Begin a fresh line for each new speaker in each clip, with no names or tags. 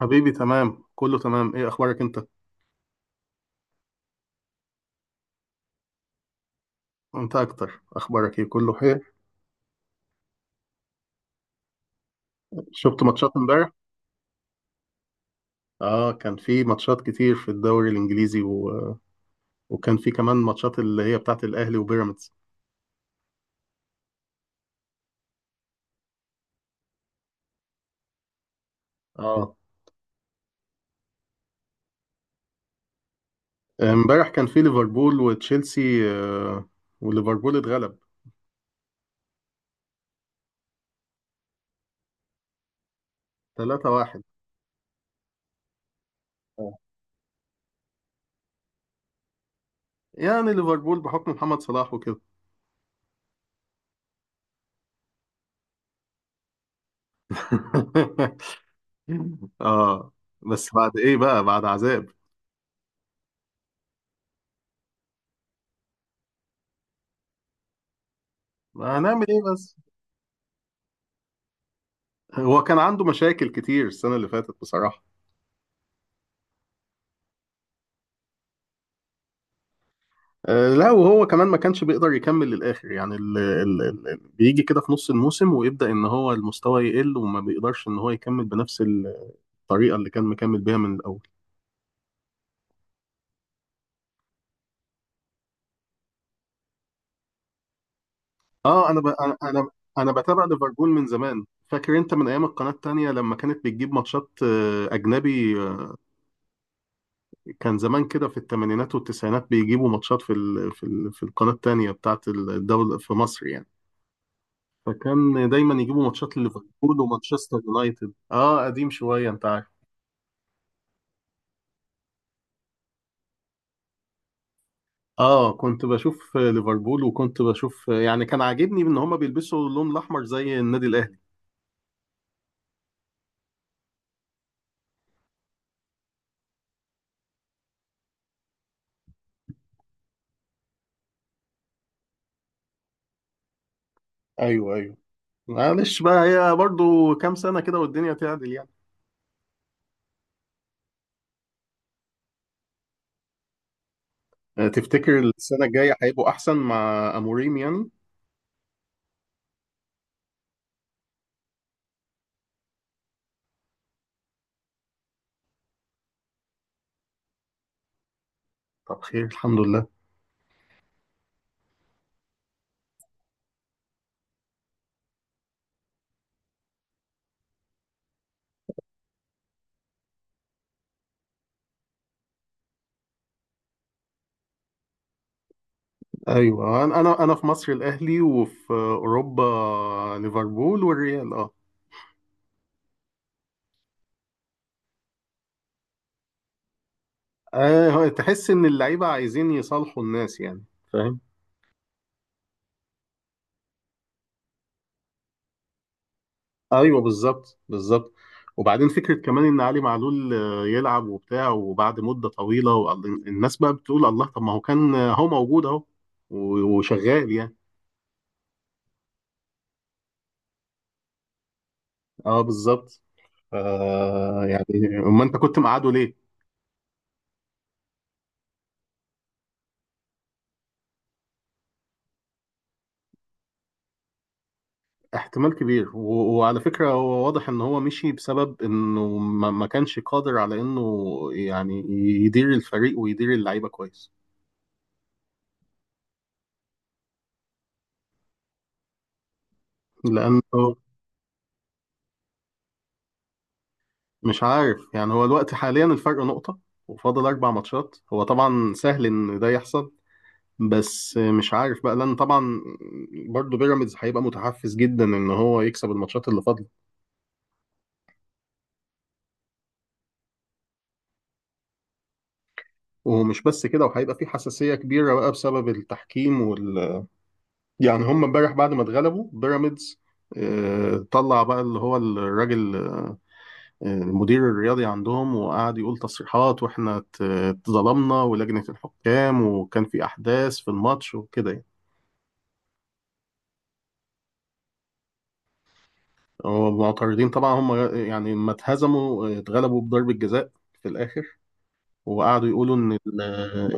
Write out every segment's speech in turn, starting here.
حبيبي تمام، كله تمام. ايه اخبارك انت؟ انت اكتر، اخبارك ايه؟ كله خير. شفت ماتشات امبارح؟ اه كان في ماتشات كتير في الدوري الانجليزي وكان في كمان ماتشات اللي هي بتاعت الاهلي وبيراميدز. اه امبارح كان في ليفربول وتشيلسي، وليفربول اتغلب 3-1. آه. يعني ليفربول بحكم محمد صلاح وكده. اه. بس بعد ايه بقى، بعد عذاب. ما هنعمل ايه بس. هو كان عنده مشاكل كتير السنة اللي فاتت بصراحة. لا وهو كمان ما كانش بيقدر يكمل للآخر، يعني ال ال ال بيجي كده في نص الموسم ويبدأ إن هو المستوى يقل وما بيقدرش إن هو يكمل بنفس الطريقة اللي كان مكمل بيها من الأول. آه أنا ب أنا أنا أنا بتابع ليفربول من زمان، فاكر أنت من أيام القناة التانية لما كانت بتجيب ماتشات أجنبي. كان زمان كده في الثمانينات والتسعينات بيجيبوا ماتشات في ال في ال في القناة التانية بتاعت الدولة في مصر يعني. فكان دايما يجيبوا ماتشات لليفربول ومانشستر يونايتد، اه قديم شويه انت عارف. اه كنت بشوف ليفربول، وكنت بشوف، يعني كان عاجبني ان هما بيلبسوا اللون الاحمر زي النادي الاهلي. ايوه، ايوه. معلش بقى، هي برضو كام سنة كده والدنيا تعدل يعني. تفتكر السنة الجاية هيبقوا احسن مع اموريم يعني؟ طب خير، الحمد لله. ايوه، انا انا أنا في مصر الاهلي، وفي اوروبا ليفربول والريال، اه. تحس ان اللعيبة عايزين يصالحوا الناس يعني، فاهم؟ ايوه، بالظبط بالظبط. وبعدين فكره كمان ان علي معلول يلعب وبتاع، وبعد مده طويله، الناس بقى بتقول الله، طب ما هو كان، هو موجود اهو وشغال يعني. اه بالظبط. يعني ما انت كنت مقعده ليه. احتمال كبير، وعلى فكره هو واضح ان هو مشي بسبب انه ما كانش قادر على انه يعني يدير الفريق ويدير اللعيبه كويس، لانه. مش عارف يعني، هو الوقت حاليا الفرق نقطة وفاضل 4 ماتشات، هو طبعا سهل إن ده يحصل. بس مش عارف بقى، لأن طبعا برضه بيراميدز هيبقى متحفز جدا إن هو يكسب الماتشات اللي فاضلة. ومش بس كده، وهيبقى في حساسية كبيرة بقى بسبب التحكيم يعني. هم امبارح بعد ما اتغلبوا بيراميدز، طلع بقى اللي هو الراجل، المدير الرياضي عندهم، وقعد يقول تصريحات واحنا اتظلمنا، ولجنة الحكام، وكان في أحداث في الماتش وكده يعني. هو معترضين طبعا هم، يعني لما اتهزموا اتغلبوا بضربة جزاء في الآخر، وقعدوا يقولوا إن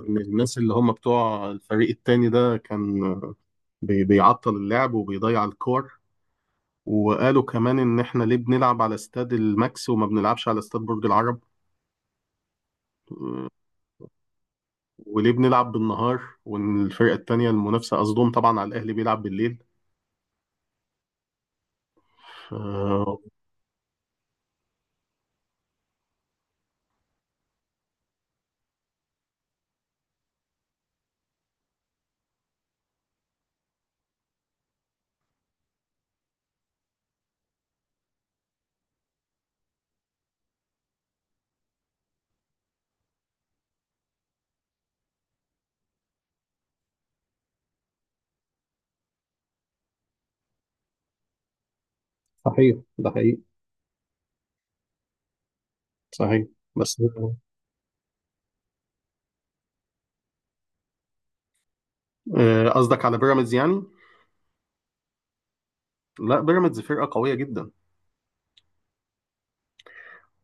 إن الناس اللي هم بتوع الفريق التاني ده كان بيعطل اللعب وبيضيع الكور. وقالوا كمان إن إحنا ليه بنلعب على استاد الماكس وما بنلعبش على استاد برج العرب، وليه بنلعب بالنهار، وإن الفرقة التانية المنافسة قصدهم طبعا على الأهلي بيلعب بالليل ف- صحيح ده حقيقي، صحيح. بس قصدك على بيراميدز يعني؟ لا بيراميدز فرقة قوية جدا،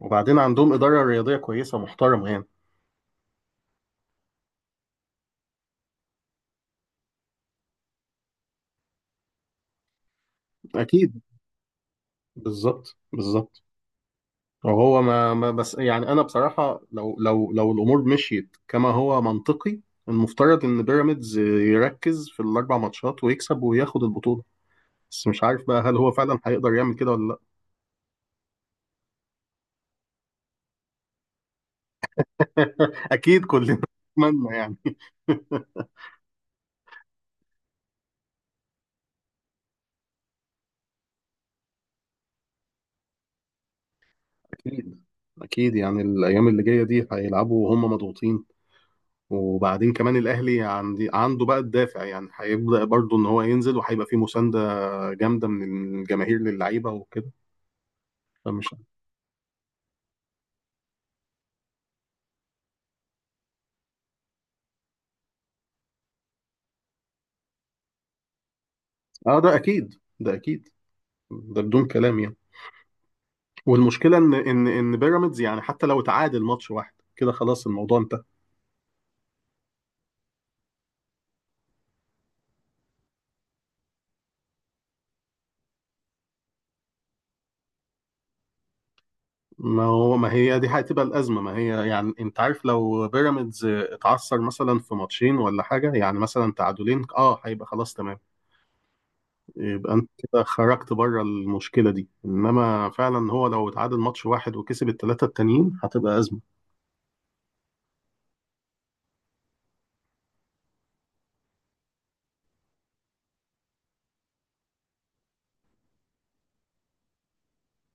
وبعدين عندهم إدارة رياضية كويسة محترمة يعني. أكيد، بالظبط بالظبط. وهو ما بس، يعني أنا بصراحة لو الأمور مشيت كما هو منطقي، المفترض إن بيراميدز يركز في ال 4 ماتشات ويكسب وياخد البطولة. بس مش عارف بقى هل هو فعلا هيقدر يعمل كده ولا لأ. أكيد كلنا نتمنى يعني. أكيد أكيد، يعني الأيام اللي جاية دي هيلعبوا وهم مضغوطين. وبعدين كمان الأهلي عنده بقى الدافع، يعني هيبدأ برضه إن هو ينزل، وهيبقى فيه مساندة جامده من الجماهير للعيبه وكده. فمش. اه ده اكيد، ده اكيد، ده بدون كلام يعني. والمشكله ان بيراميدز يعني حتى لو تعادل ماتش واحد كده خلاص الموضوع انتهى. ما هي دي هتبقى الازمه. ما هي يعني انت عارف، لو بيراميدز اتعثر مثلا في ماتشين ولا حاجه، يعني مثلا تعادلين، اه هيبقى خلاص تمام. يبقى انت كده خرجت بره المشكله دي. انما فعلا هو لو اتعادل ماتش واحد وكسب الثلاثه التانيين هتبقى ازمه.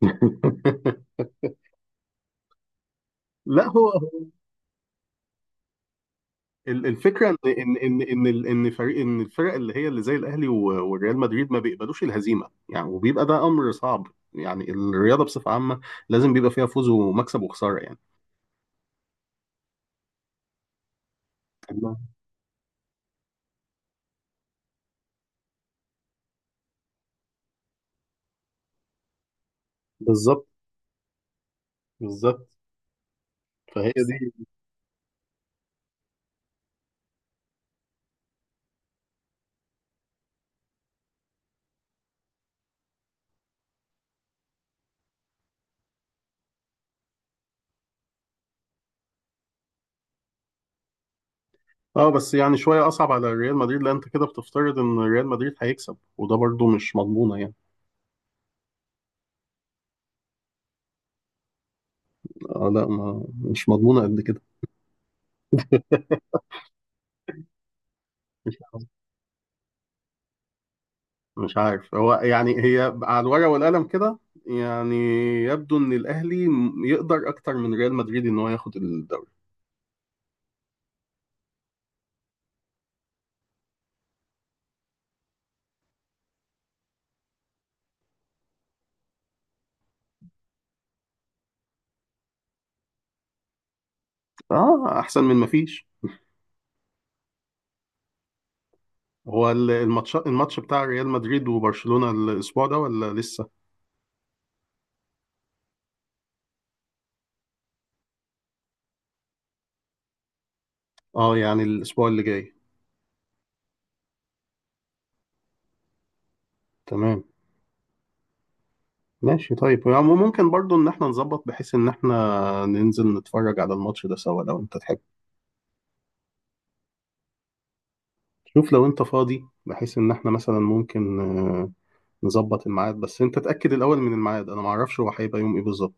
لا هو الفكره ان ان ان ان ال- ان فريق ان الفرق اللي هي اللي زي الاهلي والريال مدريد ما بيقبلوش الهزيمه يعني، وبيبقى ده امر صعب. يعني الرياضه بصفه عامه لازم بيبقى فيها فوز ومكسب وخساره يعني. الله. بالظبط بالظبط. فهي دي. اه بس يعني شويه اصعب على ريال مدريد، لان انت كده بتفترض ان ريال مدريد هيكسب وده برضو مش مضمونه يعني. لا ما، مش مضمونه قد كده. مش عارف هو، يعني هي على الورقة والقلم كده، يعني يبدو ان الاهلي يقدر اكتر من ريال مدريد ان هو ياخد الدوري. اه احسن من ما فيش. هو الماتش بتاع ريال مدريد وبرشلونة الاسبوع ده ولا لسه؟ اه يعني الاسبوع اللي جاي. تمام، ماشي طيب. يعني ممكن برضو ان احنا نظبط بحيث ان احنا ننزل نتفرج على الماتش ده سوا لو انت تحب. شوف لو انت فاضي، بحيث ان احنا مثلا ممكن نظبط الميعاد، بس انت تأكد الاول من الميعاد، انا معرفش هو هيبقى يوم ايه بالظبط.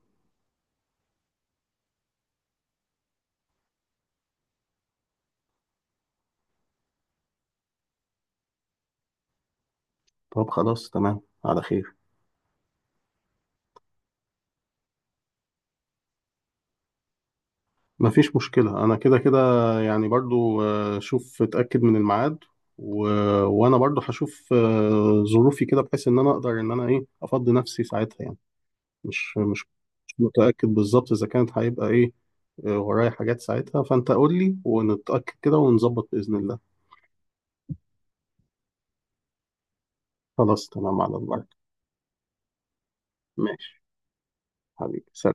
طب خلاص تمام، على خير. مفيش مشكلة، أنا كده كده يعني. برضو شوف اتأكد من الميعاد و... وأنا برضو هشوف ظروفي كده، بحيث إن أنا أقدر إن أنا إيه أفضي نفسي ساعتها يعني. مش مش مش متأكد بالظبط إذا كانت هيبقى إيه، ورايا حاجات ساعتها. فأنت قول لي ونتأكد كده ونظبط بإذن الله. خلاص تمام على البركة. ماشي. حبيبي سلام.